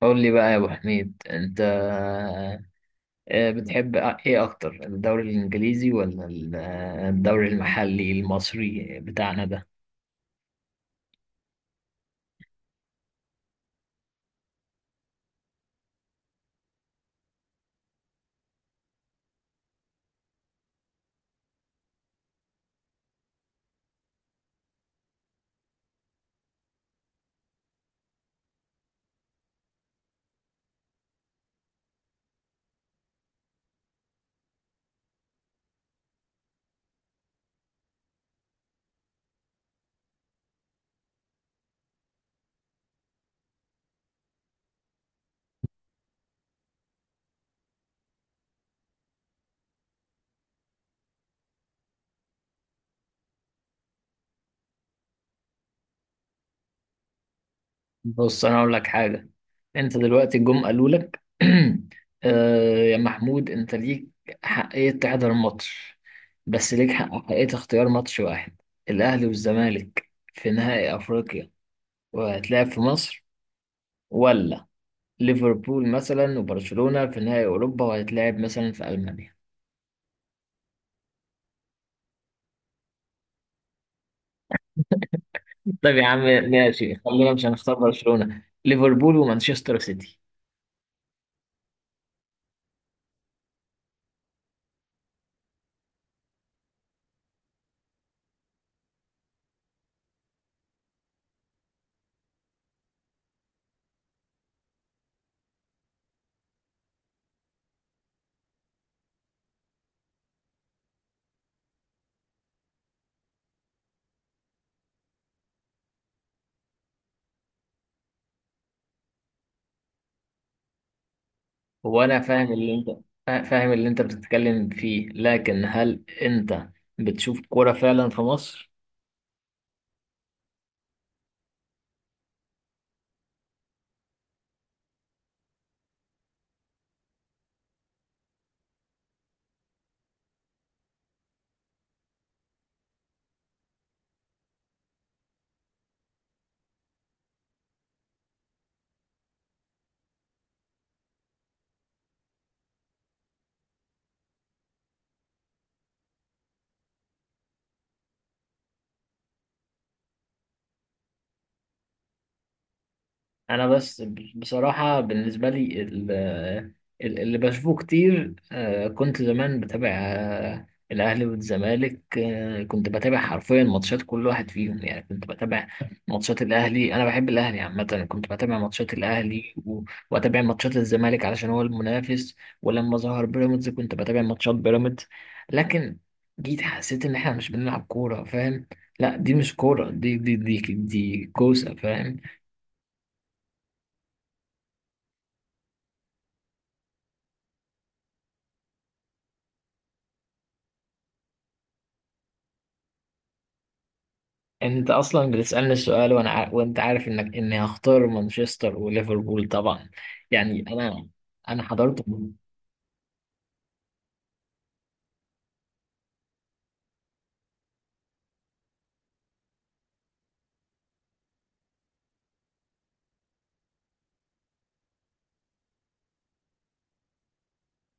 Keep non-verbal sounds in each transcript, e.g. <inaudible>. قول لي بقى يا ابو حميد انت، بتحب ايه اكتر الدوري الانجليزي ولا الدوري المحلي المصري بتاعنا ده؟ بص انا اقول لك حاجه. انت دلوقتي جم قالوا لك <clears throat> يا محمود انت ليك حقيه تحضر ماتش، بس ليك حقيه اختيار ماتش واحد: الاهلي والزمالك في نهائي افريقيا وهتلعب في مصر، ولا ليفربول مثلا وبرشلونه في نهائي اوروبا وهتلعب مثلا في المانيا؟ طيب يا عم، ماشي، خلينا مش هنختار برشلونة، ليفربول ومانشستر سيتي. هو انا فاهم اللي انت فاهم اللي انت بتتكلم فيه، لكن هل انت بتشوف كورة فعلا في مصر؟ انا بس بصراحه بالنسبه لي اللي بشوفه كتير، كنت زمان بتابع الاهلي والزمالك. كنت بتابع حرفيا ماتشات كل واحد فيهم، يعني كنت بتابع ماتشات الاهلي، انا بحب الاهلي عامه. كنت بتابع ماتشات الاهلي واتابع ماتشات الزمالك علشان هو المنافس. ولما ظهر بيراميدز كنت بتابع ماتشات بيراميدز، لكن جيت حسيت ان احنا مش بنلعب كوره، فاهم؟ لا دي مش كوره، دي كوسه، فاهم؟ انت اصلا بتسالني السؤال وانا وانت عارف انك اني هختار مانشستر وليفربول طبعا. يعني انا حضرت.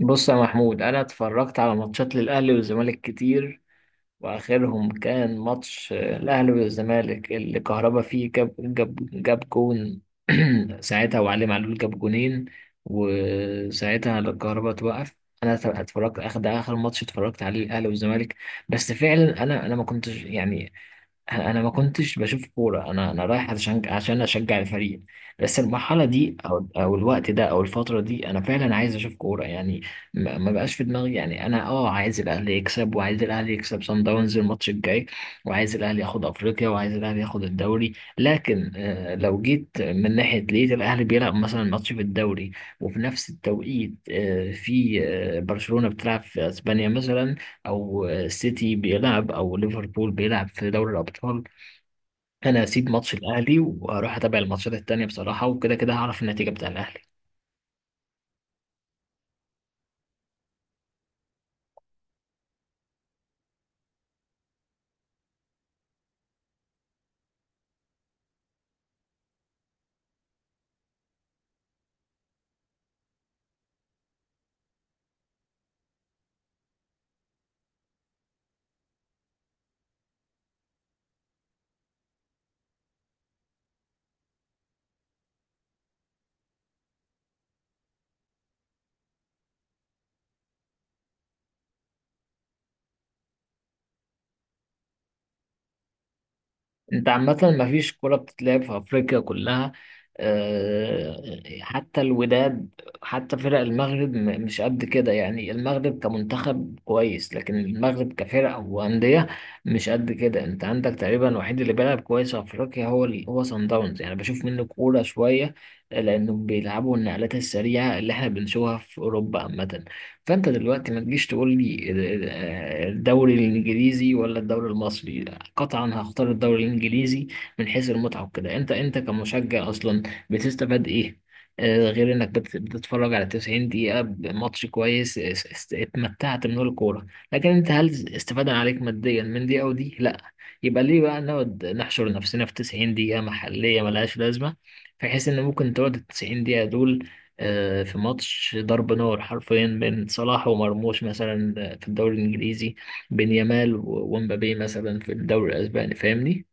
بص يا محمود، انا اتفرجت على ماتشات للاهلي والزمالك كتير، واخرهم كان ماتش الاهلي والزمالك اللي كهربا فيه جاب جون <clears throat> ساعتها، وعلي معلول جاب جونين، وساعتها الكهربا توقف. انا اتفرجت اخر ماتش اتفرجت عليه الاهلي والزمالك. بس فعلا انا ما كنتش، يعني انا ما كنتش بشوف كوره. انا رايح عشان اشجع الفريق. بس المرحله دي او الوقت ده او الفتره دي، انا فعلا عايز اشوف كوره يعني. ما بقاش في دماغي. يعني انا عايز الاهلي يكسب، وعايز الاهلي يكسب صن داونز الماتش الجاي، وعايز الاهلي ياخد افريقيا، وعايز الاهلي ياخد الدوري. لكن لو جيت من ناحيه لقيت الاهلي بيلعب مثلا ماتش في الدوري، وفي نفس التوقيت في برشلونه بتلعب في اسبانيا مثلا، او سيتي بيلعب او ليفربول بيلعب في دوري الابطال، انا هسيب ماتش الاهلي واروح اتابع الماتشات التانية بصراحة، وكده كده هعرف النتيجة بتاع الاهلي. انت عامة مفيش كرة بتتلعب في افريقيا كلها، آه، حتى الوداد، حتى فرق المغرب مش قد كده. يعني المغرب كمنتخب كويس، لكن المغرب كفرق وأندية مش قد كده. انت عندك تقريبا الوحيد اللي بيلعب كويس في افريقيا هو هو صن داونز، يعني بشوف منه كورة شوية لانهم بيلعبوا النقلات السريعة اللي احنا بنشوفها في اوروبا عامة. فانت دلوقتي ما تجيش تقول لي الدوري الانجليزي ولا الدوري المصري، قطعا هختار الدوري الانجليزي. من حيث المتعه وكده، انت كمشجع اصلا بتستفاد ايه غير انك بتتفرج على 90 دقيقه بماتش كويس اتمتعت من الكوره؟ لكن انت هل استفاده عليك ماديا من دي او دي؟ لا. يبقى ليه بقى نقعد نحشر نفسنا في 90 دقيقه محليه ملهاش لازمه، بحيث ان ممكن تقعد ال 90 دقيقه دول في ماتش ضرب نار حرفيا بين صلاح ومرموش مثلا في الدوري الإنجليزي، بين يامال ومبابي مثلا في الدوري الأسباني. فاهمني؟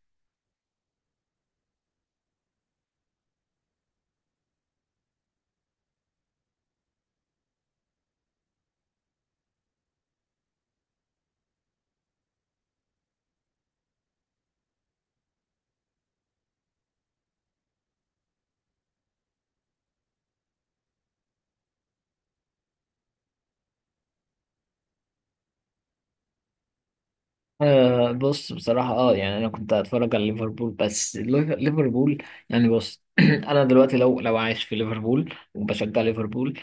بص بصراحة يعني أنا كنت هتفرج على ليفربول، بس ليفربول يعني. بص <clears throat> أنا دلوقتي لو عايش في ليفربول وبشجع ليفربول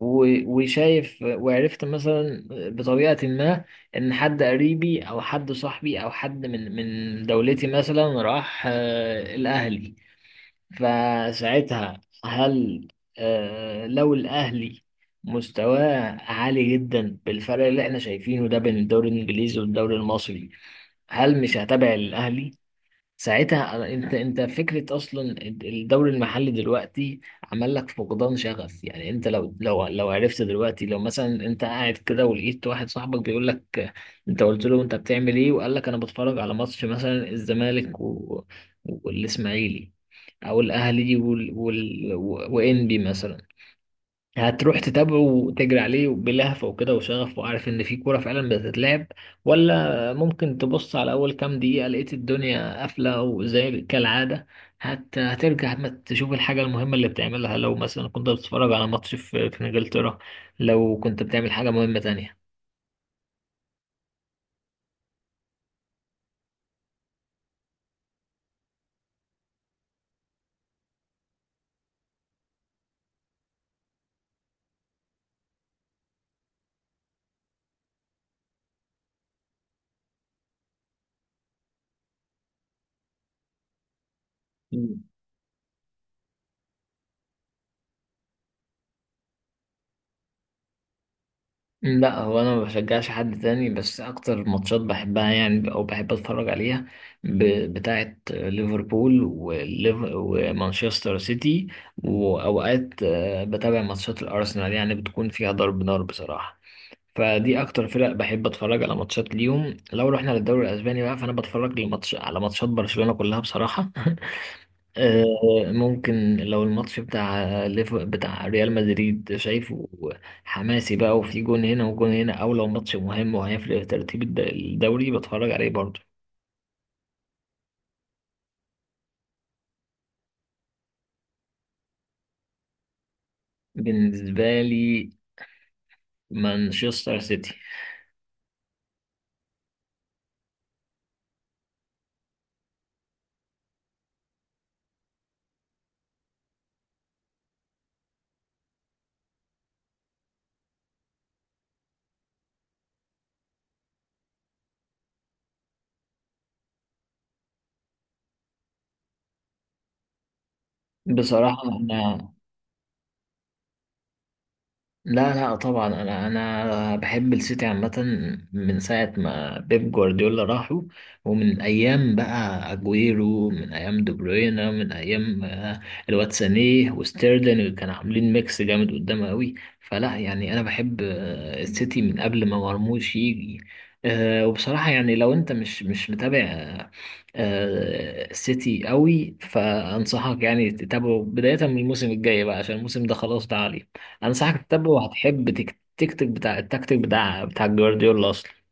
وشايف وعرفت مثلا بطريقة ما إن حد قريبي أو حد صاحبي أو حد من دولتي مثلا راح الأهلي، فساعتها هل لو الأهلي مستواه عالي جدا بالفرق اللي احنا شايفينه ده بين الدوري الإنجليزي والدوري المصري، هل مش هتابع الأهلي ساعتها؟ انت، فكره اصلا الدوري المحلي دلوقتي عمل لك فقدان شغف. يعني انت لو عرفت دلوقتي، لو مثلا انت قاعد كده ولقيت واحد صاحبك بيقول لك، انت قلت له انت بتعمل ايه، وقال لك انا بتفرج على ماتش مثلا الزمالك والاسماعيلي، او الاهلي وانبي مثلا، هتروح تتابعه وتجري عليه بلهفة وكده وشغف وعارف ان في كورة فعلا بتتلعب؟ ولا ممكن تبص على اول كام دقيقة لقيت الدنيا قافلة وزي كالعادة، هترجع ما تشوف الحاجة المهمة اللي بتعملها، لو مثلا كنت بتتفرج على ماتش في انجلترا لو كنت بتعمل حاجة مهمة تانية؟ لا هو انا ما بشجعش حد تاني، بس اكتر ماتشات بحبها يعني او بحب اتفرج عليها بتاعه ليفربول ومانشستر سيتي. واوقات بتابع ماتشات الارسنال يعني بتكون فيها ضرب نار بصراحه. فدي اكتر فرق بحب اتفرج على ماتشات ليهم. لو رحنا للدوري الاسباني بقى، فانا بتفرج على ماتشات برشلونه كلها بصراحه <laughs> ممكن لو الماتش بتاع بتاع ريال مدريد شايفه حماسي بقى وفي جون هنا وجون هنا، او لو ماتش مهم وهيفرق في ترتيب الدوري بتفرج عليه برضه. بالنسبة لي مانشستر سيتي. بصراحة احنا، لا لا، طبعا انا بحب السيتي عامه من ساعه ما بيب جوارديولا راحوا، ومن ايام بقى اجويرو، من ايام دي بروينا، من ايام الواد سانيه وستيرلين كانوا عاملين ميكس جامد قدام قوي. فلا يعني انا بحب السيتي من قبل ما مرموش يجي. وبصراحه يعني لو انت مش متابع السيتي قوي، فانصحك يعني تتابعه بدايه من الموسم الجاي بقى، عشان الموسم ده خلاص ده عليه. انصحك تتابعه وهتحب التكتيك بتاع جوارديولا اصلا.